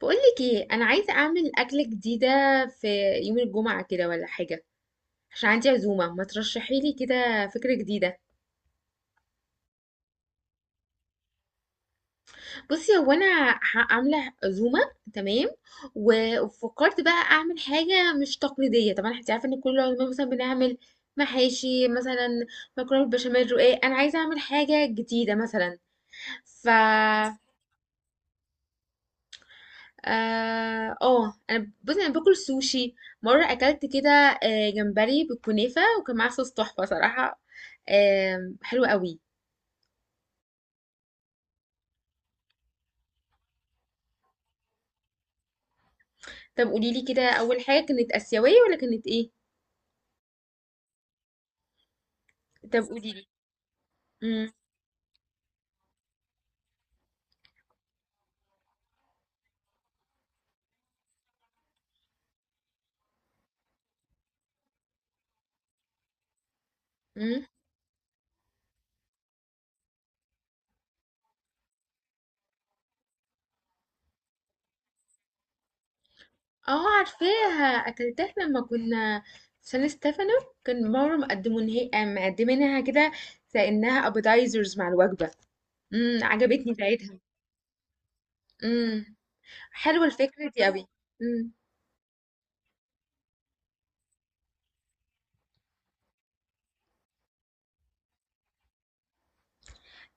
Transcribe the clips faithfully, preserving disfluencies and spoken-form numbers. بقولك ايه، انا عايزه اعمل اكله جديده في يوم الجمعه كده ولا حاجه، عشان عندي عزومه. ما ترشحي لي كده فكره جديده. بصي، هو انا ح- عامله عزومه، تمام، و- وفكرت بقى اعمل حاجه مش تقليديه. طبعا انت عارفه ان كل العزومات مثلا بنعمل محاشي مثلا، مكرونه بالبشاميل، رقاق. انا عايزه اعمل حاجه جديده مثلا. ف... اه، آه، انا بص انا باكل سوشي. مره اكلت كده آه، جمبري بالكنافه، وكان معاه صوص تحفه صراحه. آم، حلو قوي. طب قولي لي كده، اول حاجه كانت اسيويه ولا كانت ايه؟ طب قولي لي. امم. امم. اه عارفاها، اكلتها لما كنا في سان ستيفانو. كان مره مقدمينها مقدمينها كده، كانها ابيتايزرز مع الوجبه. امم، عجبتني ساعتها. امم، حلوه الفكره دي قوي.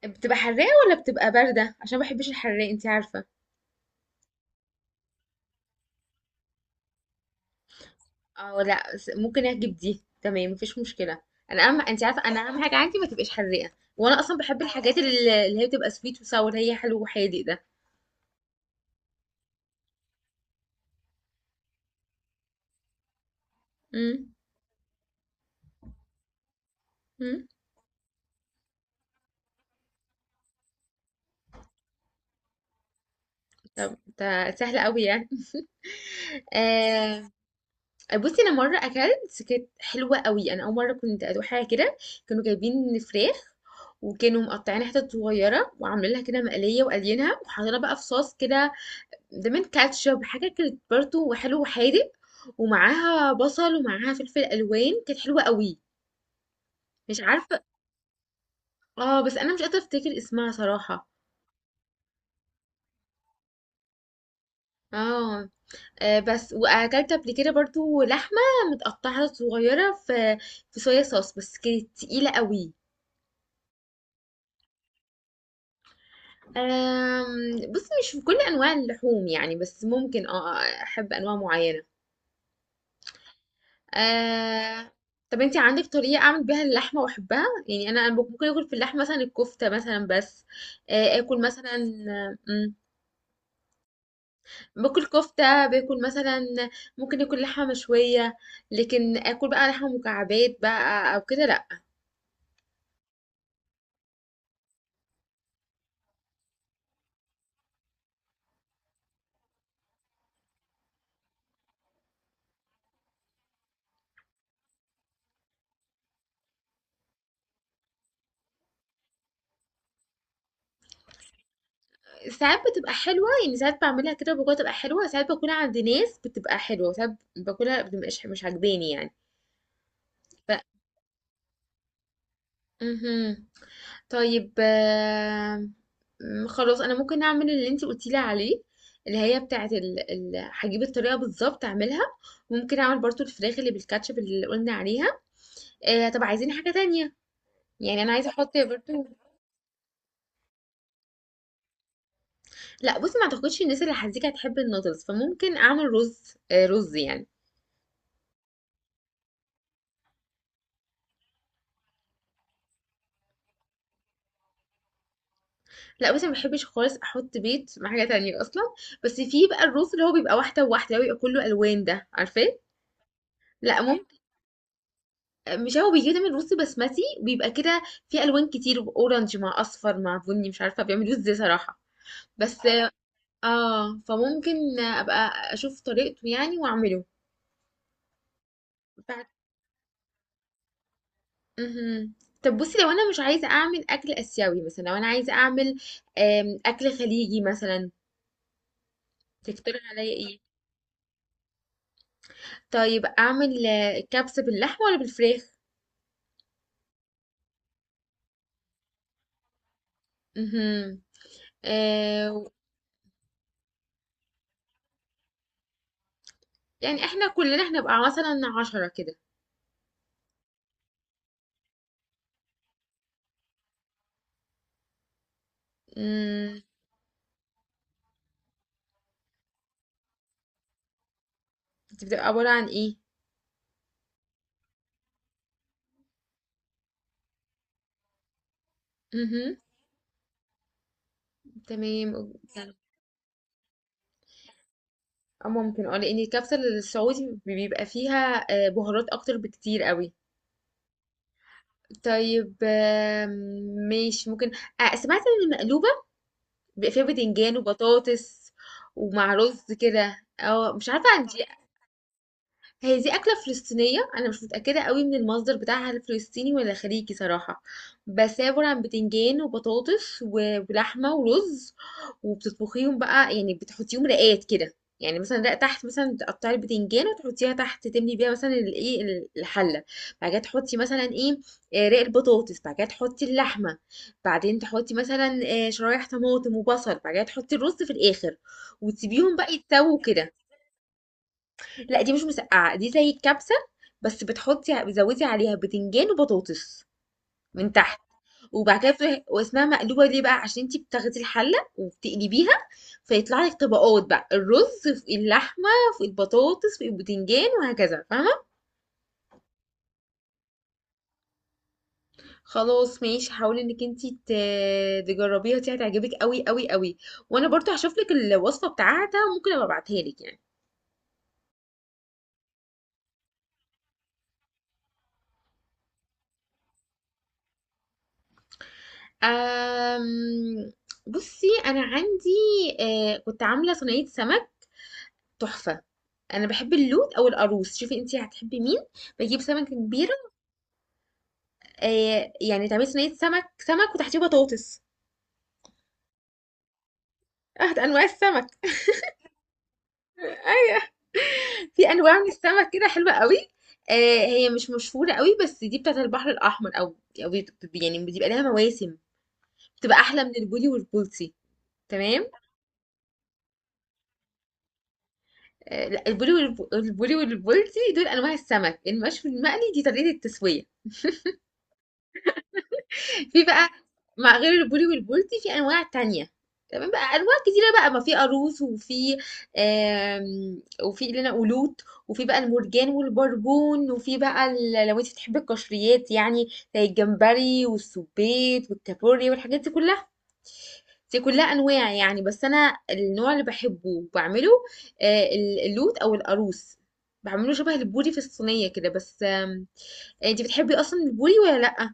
بتبقى حراقة ولا بتبقى باردة؟ عشان ما بحبش الحراق، انت عارفة. اه لا، بس ممكن اجيب دي، تمام، مفيش مشكلة. انا اهم، انت عارفة انا اهم حاجة عندي ما تبقاش حراقة. وانا اصلا بحب الحاجات اللي, اللي هي بتبقى سويت وساور، هي حلو وحادق ده. امم. امم. طب ده سهل قوي يعني. آه. بصي انا مره اكلت كانت حلوه قوي، انا اول مره كنت ادوق حاجه كده. كانوا جايبين فراخ، وكانوا مقطعين حتت صغيره وعاملين لها كده مقليه وقالينها وحاطينها بقى في صوص كده، دمن كاتشب حاجة كانت برضه، وحلو وحادق ومعاها بصل ومعاها فلفل ألوان. كانت حلوة قوي. مش عارفة. اه بس أنا مش قادرة أفتكر اسمها صراحة. اه، آه، بس وأكلت قبل كده برضه لحمة متقطعة صغيرة في في صويا صوص، بس كانت تقيلة قوي. آم، بصي مش في كل أنواع اللحوم يعني، بس ممكن اه، آه، أحب أنواع معينة. آه... طب انت عندك طريقة اعمل بيها اللحمة واحبها يعني؟ انا أنا ممكن اكل في اللحمة مثلا الكفتة مثلا بس. آه... اكل مثلا. مم، باكل كفتة، باكل مثلا، ممكن اكل لحمة مشوية. لكن اكل بقى لحمة مكعبات بقى او كده، لا. ساعات بتبقى حلوة يعني، ساعات بعملها كده وباكلها تبقى حلوة، ساعات باكلها عند ناس بتبقى حلوة، ساعات باكلها بتبقاش مش عاجباني يعني. ف... مهم. طيب آم، م، خلاص انا ممكن اعمل اللي انتي قلتيلي عليه، اللي هي بتاعه ال... ال... هجيب الطريقه بالظبط اعملها. ممكن اعمل برضو الفراخ اللي بالكاتشب اللي قلنا عليها. آه، طب عايزين حاجه تانية؟ يعني انا عايزه احط برضو. لا بصي، ما اعتقدش الناس اللي هتزيك هتحب النودلز، فممكن اعمل رز. آه، رز يعني. لا بس ما بحبش خالص احط بيض مع حاجه تانية اصلا. بس في بقى الرز اللي هو بيبقى واحده وواحده، اللي هو بيبقى كله الوان، ده عارفاه. لا. مش هو بيجيب دايما رز بسمتي وبيبقى كده، فيه الوان كتير، اورنج مع اصفر مع بني، مش عارفه بيعملوه ازاي صراحه. بس اه، فممكن ابقى اشوف طريقته يعني واعمله. بعد. مهم. طب بصي، لو انا مش عايزه اعمل اكل اسيوي مثلا، لو انا عايزه اعمل آم، اكل خليجي مثلا، تقترح عليا ايه؟ طيب اعمل آه، كبسه باللحمه ولا بالفراخ؟ امم. آه. يعني احنا كلنا هنبقى مثلا عشرة كده. امم. بتبقى عباره عن ايه؟ مهم. تمام يعني. اه ممكن، اه لان الكبسة السعودي بيبقى فيها آه، بهارات اكتر بكتير قوي. طيب آم، ماشي ممكن. آه، سمعت ان المقلوبة بيبقى فيها بتنجان وبطاطس ومع رز كده، اه مش عارفة عندي. هي دي أكلة فلسطينية، أنا مش متأكدة قوي من المصدر بتاعها، هل فلسطيني ولا خليجي صراحة. بس هي عبارة عن بتنجان وبطاطس و- ولحمة ورز. وبتطبخيهم بقى يعني، بتحطيهم رقات كده. يعني مثلا رق تحت، مثلا تقطعي البتنجان وتحطيها تحت، تملي بيها مثلا الايه ال- الحلة. بعد كده تحطي مثلا ايه، آه، رق البطاطس. بعد كده تحطي اللحمة. بعدين تحطي مثلا آه، شرايح طماطم وبصل. بعد كده تحطي الرز في الآخر، وتسيبيهم بقى يتسووا كده. لا دي مش مسقعه، دي زي الكبسه، بس بتحطي، بتزودي عليها بتنجان وبطاطس من تحت. وبعد كده بتروحي- واسمها مقلوبه ليه بقى؟ عشان انتي بتاخدي الحله وبتقلبيها، فيطلع لك طبقات بقى، الرز في اللحمه في البطاطس في البتنجان وهكذا، فاهمه. خلاص ماشي، حاولي انك انتي ت- تجربيها، دي هتعجبك قوي قوي قوي. وانا برضو هشوف لك الوصفه بتاعتها، ممكن ابقى ابعتها لك يعني. أم... بصي انا عندي، آه كنت عامله صينيه سمك تحفة. انا بحب اللوت او القاروص، شوفي انتي هتحبي مين. بجيب سمكة كبيرة. آه يعني تعملي صينية سمك، سمك وتحتيه بطاطس. اه ده انواع السمك. ايوه في انواع من السمك كده حلوة قوي. آه هي مش مشهورة قوي، بس دي بتاعت البحر الاحمر او او بت- يعني بيبقى لها مواسم. بتبقى احلى من البولي والبولتي. تمام. آه لا، البولي والب- البولي والبولتي دول انواع السمك. المشوي المقلي دي طريقة التسوية. في بقى، مع غير البولي والبولتي في انواع تانية. تمام، بقى انواع كتيره بقى، ما في قاروص، وفي آم، وفي اللي انا قلوت، وفي بقى المرجان والبربون، وفي بقى ال- لو انت بتحبي القشريات يعني زي الجمبري والسبيط والكابوريا والحاجات دي كلها، دي كلها انواع يعني. بس انا النوع اللي بحبه وبعمله آه، ال- اللوت او القاروص. بعمله شبه البوري في الصينيه كده، بس آم، انت بتحبي اصلا البوري ولا لا؟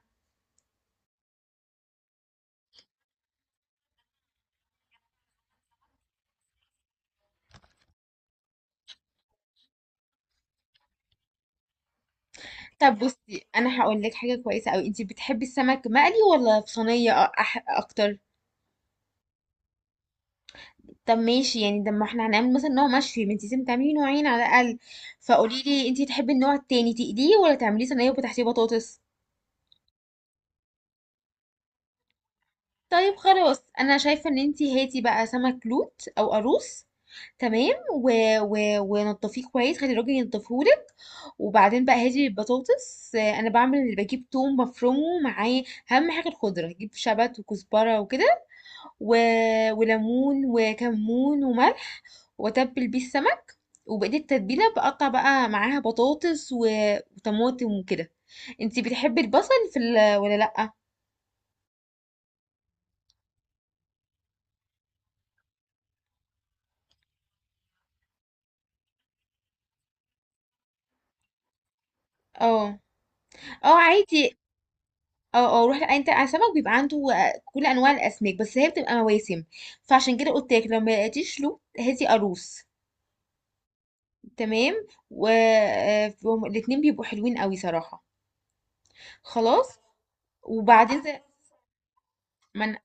طب بصي انا هقول لك حاجه كويسه قوي، انتي بتحبي السمك مقلي ولا في صينيه أ- أح اكتر؟ طب ماشي يعني، ده ما احنا هنعمل مثلا نوع مشوي، ما انتي لازم تعملي نوعين على الاقل. فقولي لي انتي تحبي النوع التاني، تقليه ولا تعمليه صينيه وتحتيه بطاطس؟ طيب خلاص، انا شايفه ان انتي هاتي بقى سمك لوت او قاروص، تمام. و... و... ونضفيه كويس، خلي الراجل ينضفهولك. وبعدين بقى هاتي البطاطس. آه، انا بعمل، بجيب توم مفرومه معاه. اهم حاجه الخضره، جيب شبت وكزبره وكده، و... وليمون وكمون وملح. واتبل بيه السمك. وبقيت التتبيله بقطع بقى معاها بطاطس و- وطماطم وكده. انتي بتحبي البصل في ال... ولا لا؟ اه. اه عادي. اه اه روح، لأ، انت على سمك بيبقى عنده كل انواع الاسماك، بس هي بتبقى مواسم. فعشان كده قلت لك، لما لقيتيش له هاتي قاروص. تمام، والاتنين بيبقوا حلوين قوي صراحه. خلاص. وبعدين زي- ما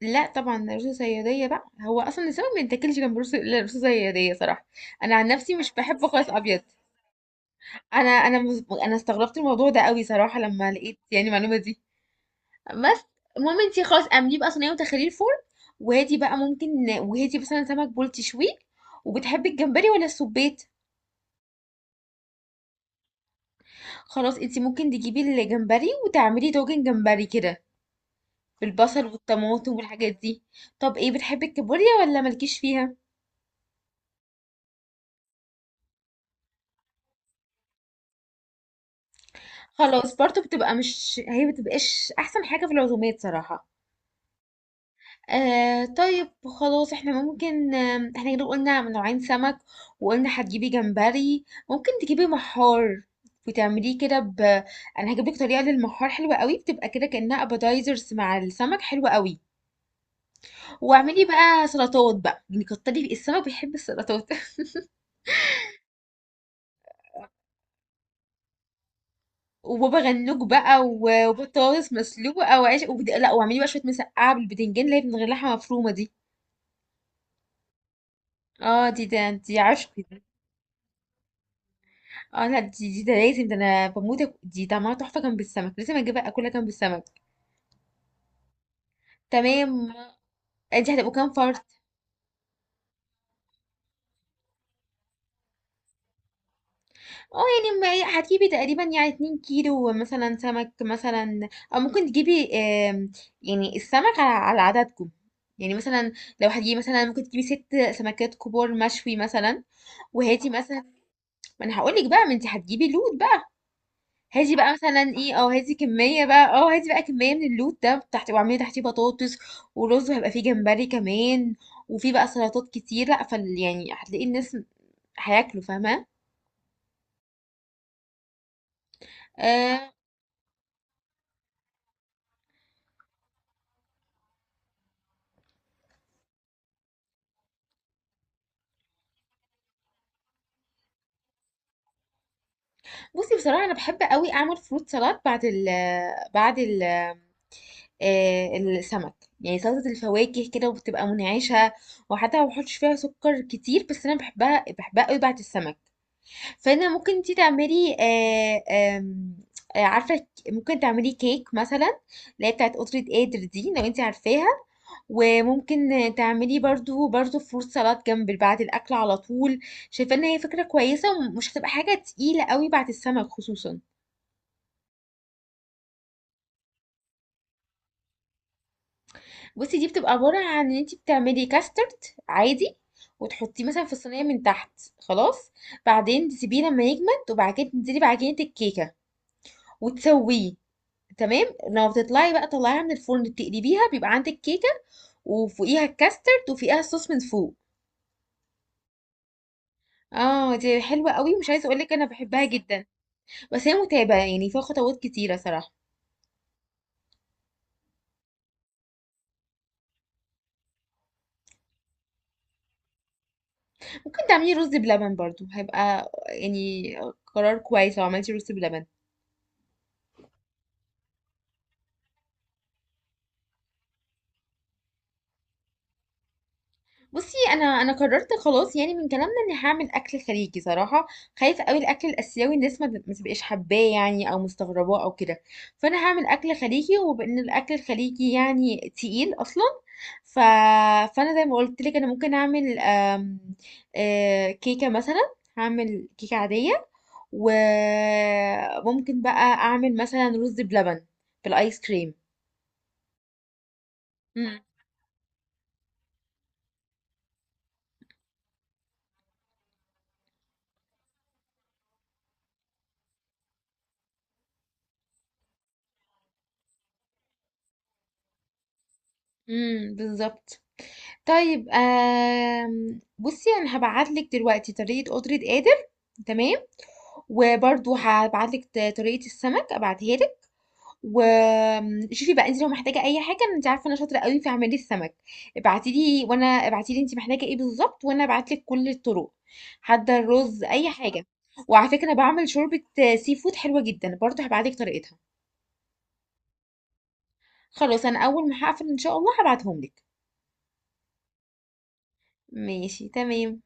لا طبعا، ده رز صياديه بقى، هو اصلا السمك ما بيتاكلش جنب رز. لا، رز صياديه صراحه. انا عن نفسي مش بحبه خالص ابيض. انا انا مز- انا استغربت الموضوع ده قوي صراحه لما لقيت يعني المعلومه دي. بس المهم انتي خلاص اعمليه بقى صينيه وتخليه الفرن. وهاتي بقى ممكن، وهاتي مثلا سمك بول تشويه. وبتحبي الجمبري ولا السبيت؟ خلاص انتي ممكن تجيبي الجمبري وتعملي طاجن جمبري كده بالبصل والطماطم والحاجات دي. طب ايه، بتحبي الكابوريا ولا مالكيش فيها؟ خلاص برضو، بتبقى مش، هي بتبقاش احسن حاجة في العزومات صراحة. آه طيب. خلاص احنا ممكن، آه احنا كده قلنا من نوعين سمك، وقلنا هتجيبي جمبري، ممكن تجيبي محار وتعمليه كده، ب انا هجيب لك طريقه للمحار حلوه قوي، بتبقى كده كانها ابيتايزرز مع السمك، حلوه قوي. واعملي بقى سلطات بقى، يعني كتري السمك بيحب السلطات. وبابا غنوج بقى و- وبطاطس مسلوقه وعيش وبد... لا، واعملي بقى شويه مسقعه بالبتنجان اللي هي من غير لحمه مفرومه دي. اه دي، ده دي عشقي دي. اه لا دي، دي ده لازم، ده انا بموت، أك- دي طعمها تحفه جنب السمك، لازم اجيبها اكلها جنب السمك. تمام. انت هتبقوا كام فرد؟ اه يعني، ما- هتجيبي تقريبا يعني 2 كيلو مثلا سمك مثلا، او ممكن تجيبي آم، يعني السمك على على عددكم يعني. مثلا لو هتجيبي مثلا، ممكن تجيبي ست سمكات كبار مشوي مثلا. وهاتي مثلا. ما انا هقول لك بقى، ما انت هتجيبي لود بقى. هاتي بقى مثلا ايه، اه هاتي كمية بقى، اه هاتي بقى كمية من اللوت ده تحت، واعملي تحتيه بطاطس ورز، وهيبقى فيه جمبري كمان. وفي بقى سلطات كتير، لا فال يعني، هتلاقي الناس هياكلوا، فاهمة. آه. بصي بصراحة انا بحب قوي اعمل فروت سلطات بعد ال، بعد ال آه السمك. يعني سلطة الفواكه كده، وبتبقى منعشة، وحتى ما بحطش فيها سكر كتير، بس انا بحبها، بحبها قوي بعد السمك. فانا ممكن انت تعملي آه، آم، آه، عارفه ك- ممكن تعملي كيك مثلا، اللي هي بتاعت قطرة قادر دي لو انت عارفاها. وممكن تعملي برضو برضو فروت سلطات جنب بعد الاكل على طول. شايفه ان هي فكره كويسه ومش هتبقى حاجه تقيله قوي بعد السمك خصوصا. بصي دي بتبقى عباره عن ان انت بتعملي كاسترد عادي، وتحطيه مثلا في الصينيه من تحت. خلاص. بعدين تسيبيه لما يجمد، وبعد كده تنزلي بعجينه الكيكه وتسويه. تمام، لما بتطلعي بقى طلعيها من الفرن، تقلبيها، بيبقى عندك كيكه، وفوقيها الكاسترد وفوقيها الصوص من فوق. اه دي حلوه قوي، مش عايزه اقول لك انا بحبها جدا. بس هي متعبه يعني، فيها خطوات كتيره صراحه. ممكن تعملي رز بلبن برضو، هيبقى يعني قرار كويس لو عملتي رز بلبن. بصي انا انا قررت خلاص، يعني من كلامنا اني هعمل اكل خليجي صراحه. خايفه قوي الاكل الاسيوي الناس ما ما تبقاش حباه يعني، او مستغرباه او كده. فانا هعمل اكل خليجي، وبان الاكل الخليجي يعني تقيل اصلا. ف... فانا زي ما قلت لك، انا ممكن اعمل آم... آه... كيكه مثلا، هعمل كيكه عاديه. وممكن بقى اعمل مثلا رز بلبن بالايس كريم. امم، بالظبط. طيب آمم، بُصّي أنا هابعت لِك دلوقتي طريقة قُدرة قادر، تمام، وبرضه هابعت لِك ط طريقة السمك أبعتها لِك. وآمم، شوفي بقى أنتِ لو محتاجة أي حاجة. أنتِ عارفة أنا شاطرة أوي في عمايل السمك. ابعتي لي، وأنا ابعتي لي أنتِ محتاجة إيه بالضبط وأنا أبعت لِك كل الطرق، حتى الرز، أي حاجة. وعلى فكرة أنا باعمل شوربة seafood حلوة جدًا، برضه هابعت لِك طريقتها. خلاص أنا أول ما هاقفل إن شاء الله هابعتهم لِك. ماشي تمام.